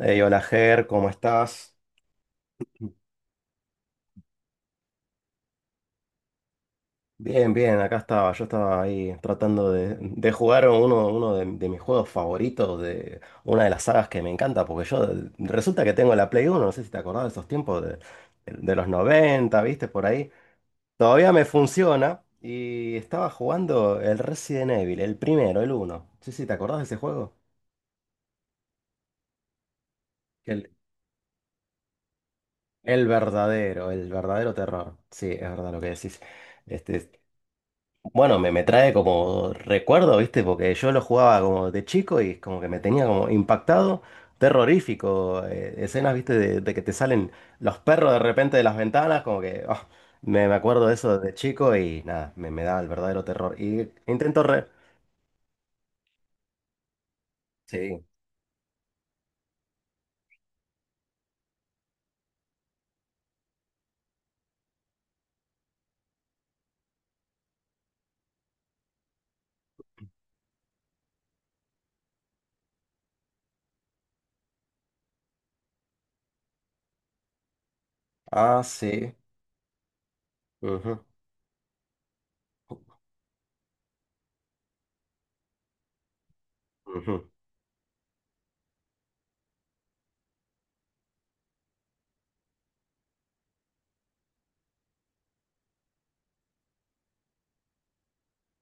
Hey, hola Ger, ¿cómo estás? Bien, bien, acá estaba. Yo estaba ahí tratando de jugar uno de mis juegos favoritos, de una de las sagas que me encanta, porque yo resulta que tengo la Play Uno. No sé si te acordás de esos tiempos de los 90, ¿viste? Por ahí. Todavía me funciona y estaba jugando el Resident Evil, el primero, el uno. Sí, sí, ¿te acordás de ese juego? El, el verdadero, el verdadero terror. Sí, es verdad lo que decís. Este, Bueno, me trae como recuerdo, ¿viste? Porque yo lo jugaba como de chico y es como que me tenía como impactado, terrorífico. Escenas, ¿viste? De que te salen los perros de repente de las ventanas, como que me acuerdo de eso de chico y nada, me da el verdadero terror. Y intento re... Sí, ah, sí. Ujú, ujú,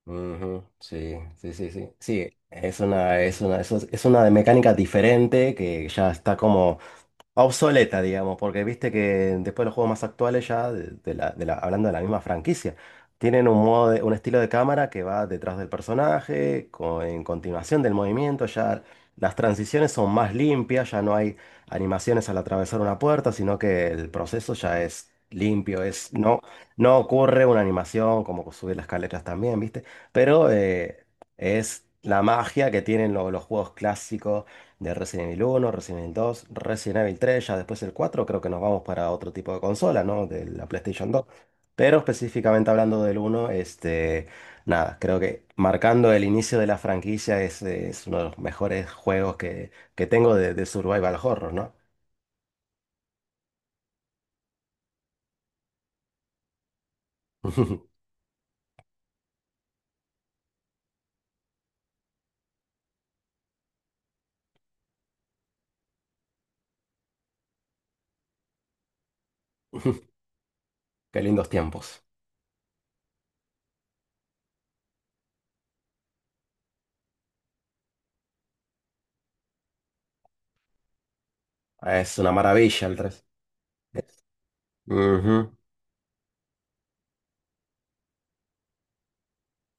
ujú, sí, sí, sí, sí. Sí, es una de mecánica diferente que ya está como... obsoleta, digamos, porque viste que después los juegos más actuales ya, hablando de la misma franquicia, tienen un modo de- un estilo de cámara que va detrás del personaje, co- en continuación del movimiento, ya las transiciones son más limpias, ya no hay animaciones al atravesar una puerta, sino que el proceso ya es limpio, no, no ocurre una animación como subir las escaleras también, viste, pero es la magia que tienen lo- los juegos clásicos de Resident Evil uno, Resident Evil dos, Resident Evil tres, ya después el 4 creo que nos vamos para otro tipo de consola, ¿no? De la PlayStation dos. Pero específicamente hablando del uno, nada, creo que marcando el inicio de la franquicia es uno de los mejores juegos que tengo de Survival Horror, ¿no? Qué lindos tiempos. Es una maravilla el tres. Ujú.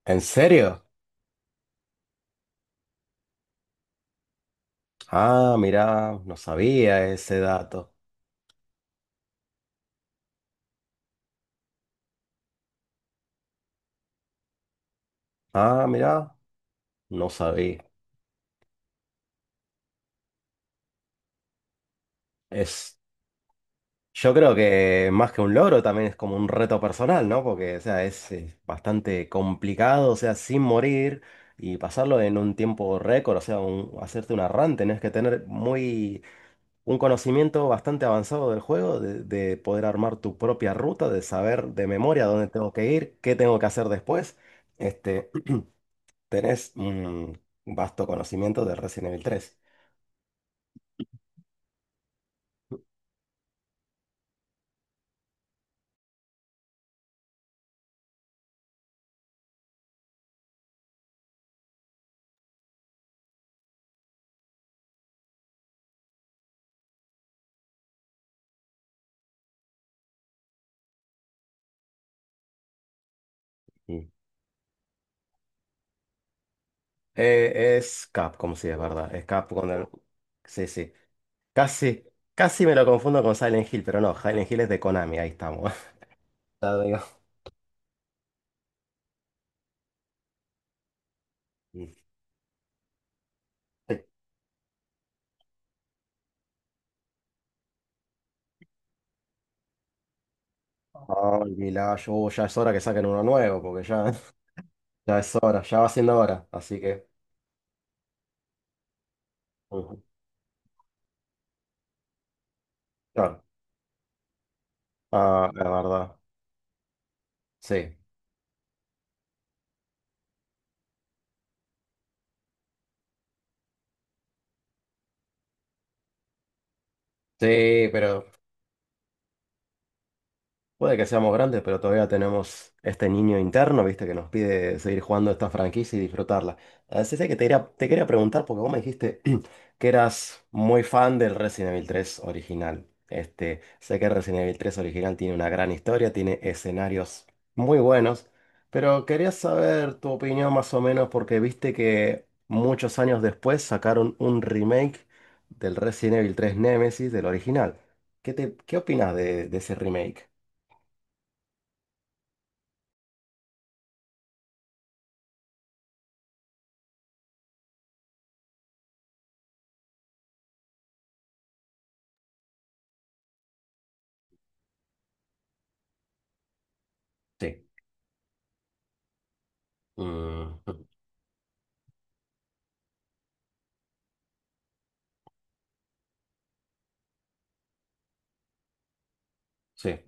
¿En serio? Ah, mirá, no sabía ese dato. Ah, mirá, no sabía. Es... Yo creo que más que un logro también es como un reto personal, ¿no? Porque, o sea, bastante complicado, o sea, sin morir y pasarlo en un tiempo récord, o sea, un- hacerte una run, tenés que tener muy, un conocimiento bastante avanzado del juego, de poder armar tu propia ruta, de saber de memoria dónde tengo que ir, qué tengo que hacer después. Este, tenés un vasto conocimiento de Resident Evil tres. Es Capcom, sí, es verdad. Es Capcom. Con el- Sí, sí. Casi, casi me lo confundo con Silent Hill, pero no, Silent Hill es de Konami, ahí estamos. Ya digo. Sí. Ay, mirá, yo oh, ya es hora que saquen uno nuevo, porque ya, ya es hora, ya va siendo hora, así que. Ujú, claro. Ah, la verdad. Sí. Sí, pero. Puede que seamos grandes, pero todavía tenemos este niño interno, viste, que nos pide seguir jugando esta franquicia y disfrutarla. Así es que quería- te quería preguntar, porque vos me dijiste que eras muy fan del Resident Evil tres original. Este, sé que el Resident Evil tres original tiene una gran historia, tiene escenarios muy buenos, pero quería saber tu opinión más o menos, porque viste que muchos años después sacaron un remake del Resident Evil tres Nemesis del original. ¿Qué qué opinas de ese remake? Sí, mm, sí,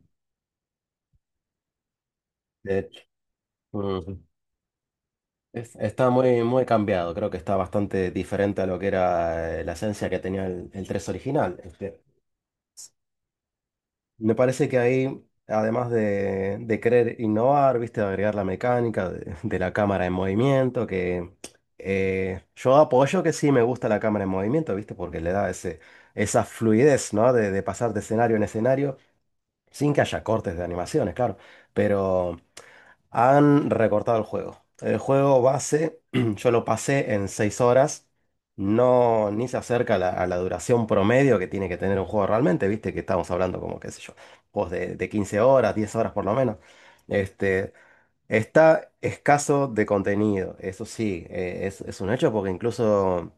de hecho, mm, es- está muy, muy cambiado, creo que está bastante diferente a lo que era la esencia que tenía el 3 original. Me parece que ahí, además de querer innovar, viste, de agregar la mecánica de la cámara en movimiento, que yo apoyo que sí me gusta la cámara en movimiento, viste, porque le da ese, esa fluidez, ¿no? De pasar de escenario en escenario sin que haya cortes de animaciones, claro, pero... Han recortado el juego. El juego base, yo lo pasé en 6 horas. No, ni se acerca a a la duración promedio que tiene que tener un juego realmente. Viste que estamos hablando como, qué sé yo, juegos de 15 horas, 10 horas por lo menos. Este, está escaso de contenido, eso sí, es un hecho porque incluso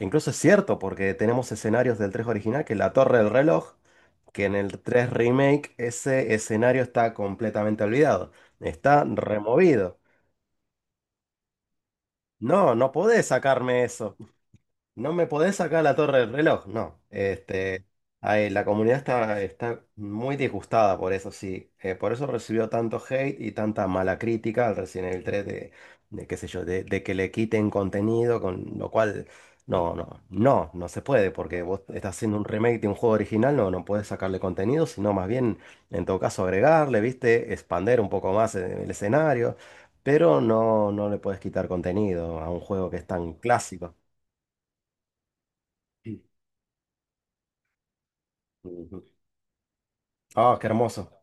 incluso es cierto, porque tenemos escenarios del 3 original, que la Torre del Reloj, que en el 3 Remake ese escenario está completamente olvidado, está removido. No, no podés sacarme eso. No me podés sacar la Torre del Reloj, no. Ahí, la comunidad está, está muy disgustada por eso, sí. Por eso recibió tanto hate y tanta mala crítica al Resident Evil tres de qué sé yo, de que le quiten contenido, con lo cual no, no, no, no se puede, porque vos estás haciendo un remake de un juego original, no, no podés sacarle contenido, sino más bien, en todo caso, agregarle, ¿viste? Expander un poco más el escenario, pero no, no le podés quitar contenido a un juego que es tan clásico. Ujú. Ah, qué hermoso.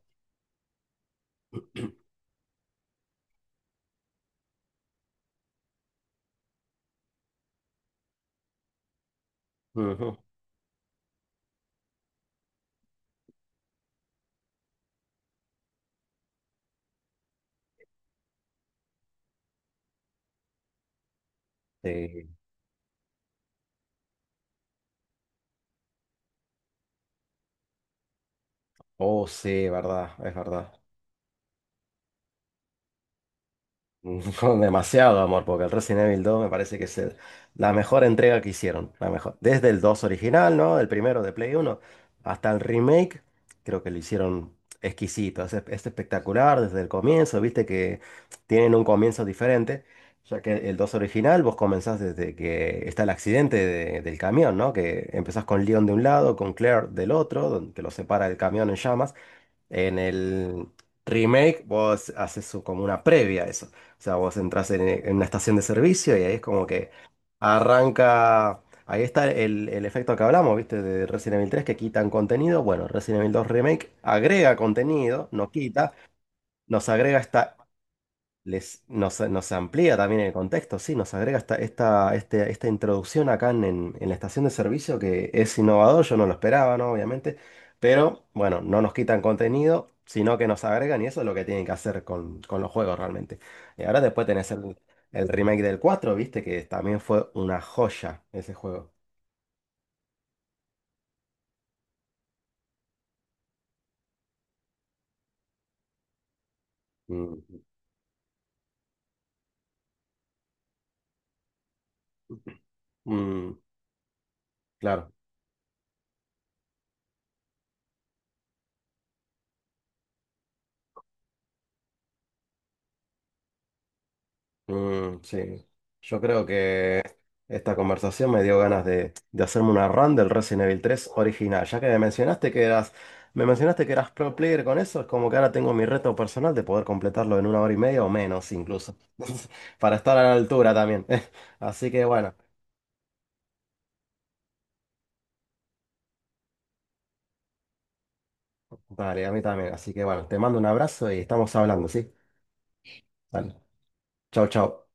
Ujú. Sí. Oh, sí, verdad, es verdad. Con demasiado amor, porque el Resident Evil 2 me parece que es el- la mejor entrega que hicieron. La mejor. Desde el 2 original, ¿no? El primero de Play 1 hasta el remake, creo que lo hicieron exquisito. Es espectacular desde el comienzo, viste que tienen un comienzo diferente. Ya que el 2 original vos comenzás desde que está el accidente de- del camión, ¿no? Que empezás con Leon de un lado, con Claire del otro, donde- que lo separa el camión en llamas. En el remake vos haces su- como una previa a eso. O sea, vos entras en una estación de servicio y ahí es como que arranca... Ahí está el efecto que hablamos, ¿viste? De Resident Evil tres que quitan contenido. Bueno, Resident Evil dos Remake agrega contenido, no quita, nos agrega esta les, nos, nos amplía también el contexto, sí, nos agrega esta introducción acá en la estación de servicio que es innovador, yo no lo esperaba, ¿no? Obviamente, pero bueno, no nos quitan contenido, sino que nos agregan y eso es lo que tienen que hacer con los juegos realmente. Y ahora después tenés el remake del 4 viste, que también fue una joya ese juego. Mm, mm, claro. Mm, sí, yo creo que esta conversación me dio ganas de hacerme una run del Resident Evil tres original. Ya que me mencionaste que eras, me mencionaste que eras pro player con eso, es como que ahora tengo mi reto personal de poder completarlo en una hora y media o menos incluso, para estar a la altura también. Así que bueno, dale, a mí también. Así que bueno, te mando un abrazo y estamos hablando, ¿sí? Dale, chau, chau.